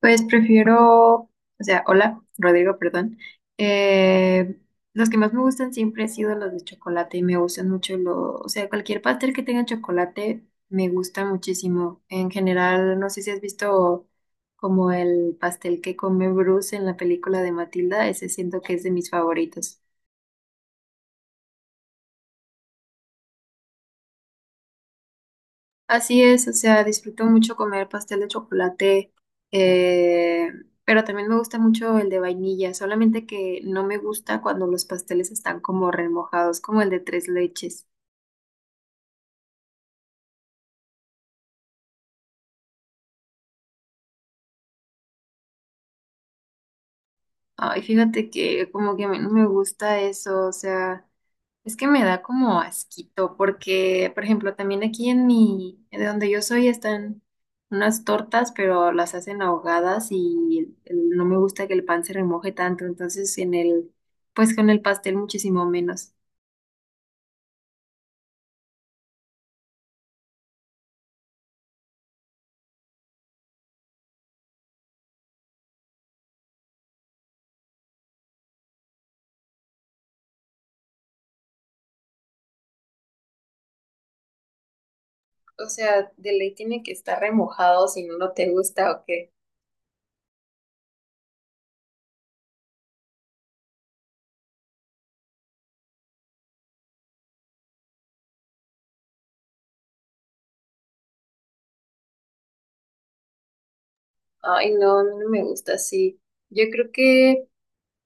Pues prefiero, o sea, hola, Rodrigo, perdón. Eh, los que más me gustan siempre han sido los de chocolate y me gustan mucho o sea, cualquier pastel que tenga chocolate me gusta muchísimo. En general, no sé si has visto como el pastel que come Bruce en la película de Matilda, ese siento que es de mis favoritos. Así es, o sea, disfruto mucho comer pastel de chocolate, eh, pero también me gusta mucho el de vainilla, solamente que no me gusta cuando los pasteles están como remojados, como el de tres leches. Ay, fíjate que como que a mí no me gusta eso, o sea, es que me da como asquito, porque, por ejemplo, también aquí en mi, de donde yo soy, están unas tortas, pero las hacen ahogadas y no me gusta que el pan se remoje tanto, entonces en el, pues con el pastel muchísimo menos. O sea, de ley tiene que estar remojado si no, no te gusta o qué. Ay, no, a mí no me gusta así. Yo creo que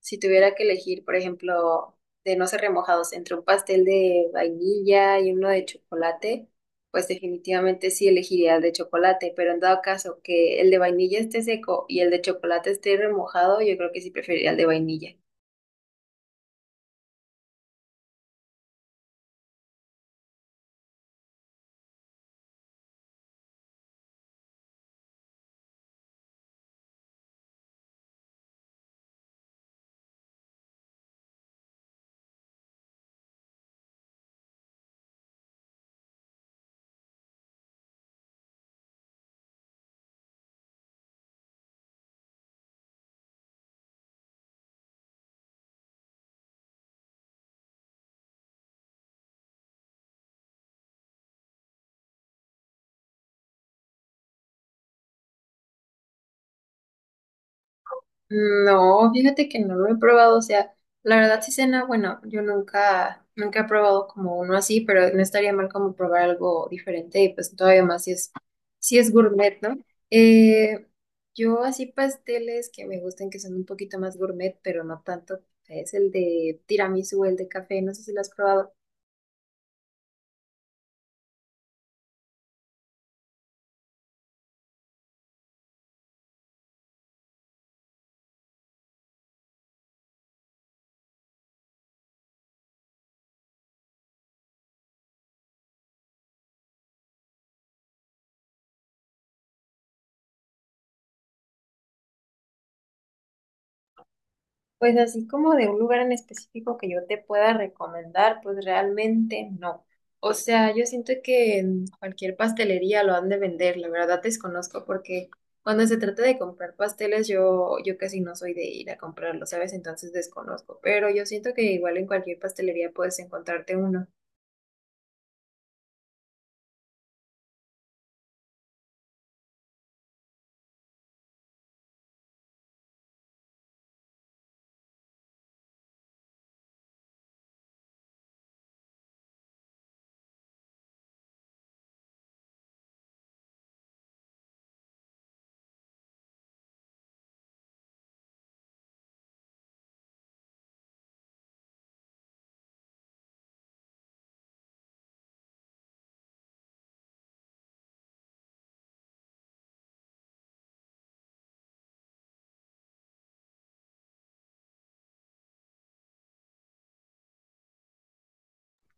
si tuviera que elegir, por ejemplo, de no ser remojados entre un pastel de vainilla y uno de chocolate, pues definitivamente sí elegiría el de chocolate, pero en dado caso que el de vainilla esté seco y el de chocolate esté remojado, yo creo que sí preferiría el de vainilla. No, fíjate que no lo he probado, o sea, la verdad sí cena, bueno, yo nunca he probado como uno así, pero no estaría mal como probar algo diferente y pues todavía más si es gourmet, ¿no? Eh, yo así pasteles que me gustan que son un poquito más gourmet, pero no tanto, es el de tiramisú, el de café, no sé si lo has probado. Pues así como de un lugar en específico que yo te pueda recomendar, pues realmente no. O sea, yo siento que en cualquier pastelería lo han de vender, la verdad desconozco porque cuando se trata de comprar pasteles yo casi no soy de ir a comprarlo, ¿sabes? Entonces desconozco, pero yo siento que igual en cualquier pastelería puedes encontrarte uno.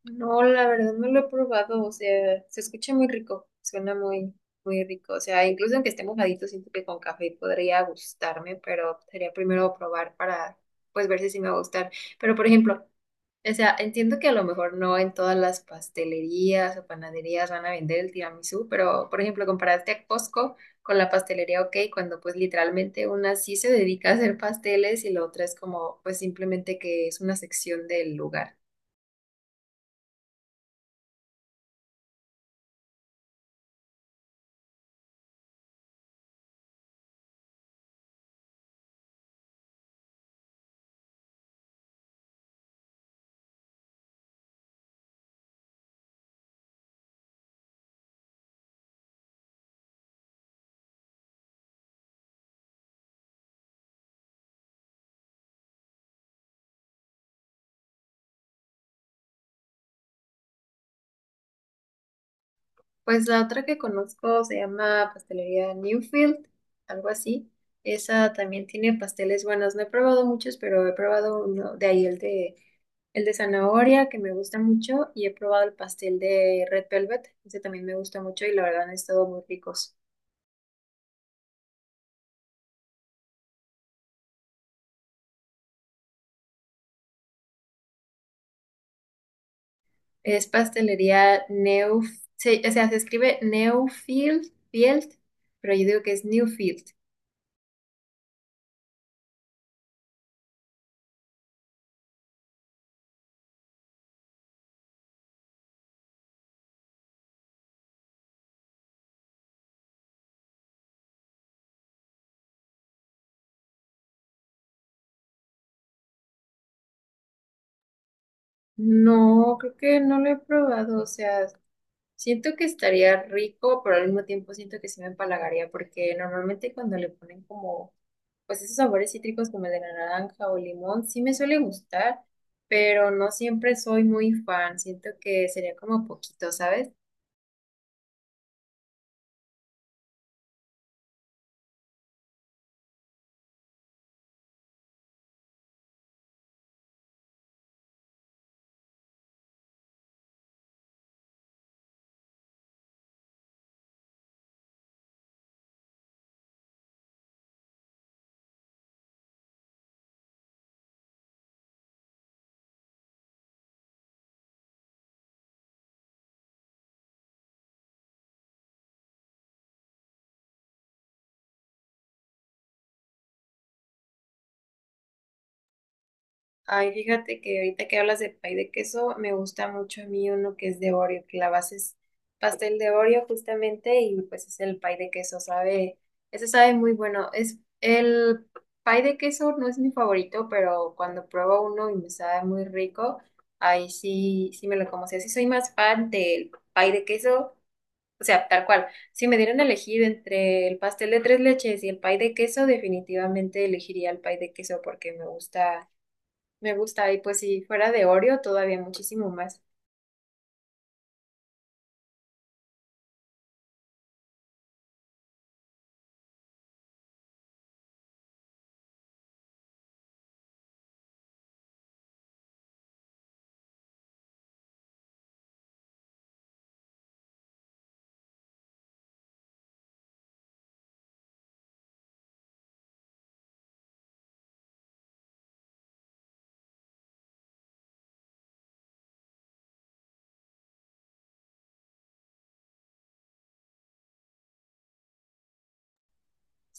No, la verdad no lo he probado, o sea, se escucha muy rico, suena muy rico, o sea, incluso aunque esté mojadito, siento que con café podría gustarme, pero sería primero probar para, pues, ver si sí me va a gustar. Pero, por ejemplo, o sea, entiendo que a lo mejor no en todas las pastelerías o panaderías van a vender el tiramisú, pero, por ejemplo, comparaste a Costco con la pastelería OK, cuando pues literalmente una sí se dedica a hacer pasteles y la otra es como, pues, simplemente que es una sección del lugar. Pues la otra que conozco se llama Pastelería Newfield, algo así. Esa también tiene pasteles buenos. No he probado muchos, pero he probado uno de ahí, el de zanahoria, que me gusta mucho, y he probado el pastel de Red Velvet. Ese también me gusta mucho y la verdad han estado muy ricos. Es pastelería Neuf, o sea, se escribe Newfield, Field, pero yo digo que es Newfield. No, creo que no lo he probado, o sea, siento que estaría rico, pero al mismo tiempo siento que sí me empalagaría, porque normalmente cuando le ponen como, pues esos sabores cítricos como el de la naranja o limón, sí me suele gustar, pero no siempre soy muy fan. Siento que sería como poquito, ¿sabes? Ay, fíjate que ahorita que hablas de pay de queso, me gusta mucho a mí uno que es de Oreo, que la base es pastel de Oreo justamente y pues es el pay de queso, sabe, ese sabe muy bueno. Es el pay de queso no es mi favorito, pero cuando pruebo uno y me sabe muy rico, ahí sí, sí me lo como. O sea, sí soy más fan del pay de queso, o sea, tal cual. Si me dieran a elegir entre el pastel de tres leches y el pay de queso, definitivamente elegiría el pay de queso porque me gusta. Y pues si fuera de Oreo, todavía muchísimo más.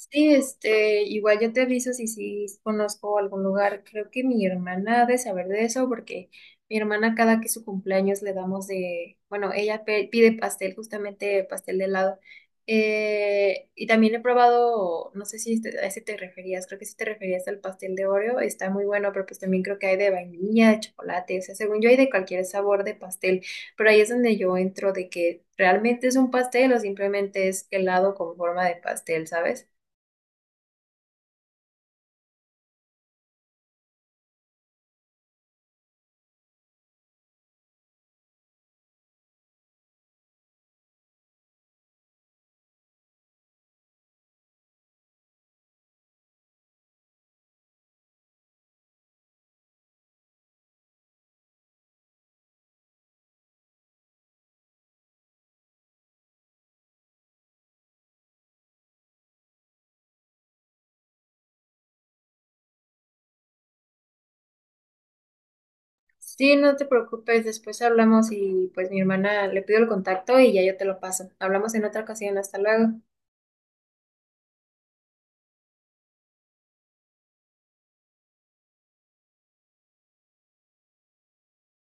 Sí, este, igual yo te aviso si sí conozco algún lugar. Creo que mi hermana ha de saber de eso porque mi hermana cada que es su cumpleaños le damos de, bueno, ella pide pastel, justamente pastel de helado. Y también he probado, no sé si a ese te referías, creo que sí te referías al pastel de Oreo, está muy bueno, pero pues también creo que hay de vainilla, de chocolate, o sea, según yo hay de cualquier sabor de pastel, pero ahí es donde yo entro de que realmente es un pastel o simplemente es helado con forma de pastel, ¿sabes? Sí, no te preocupes, después hablamos y pues mi hermana le pido el contacto y ya yo te lo paso. Hablamos en otra ocasión, hasta luego.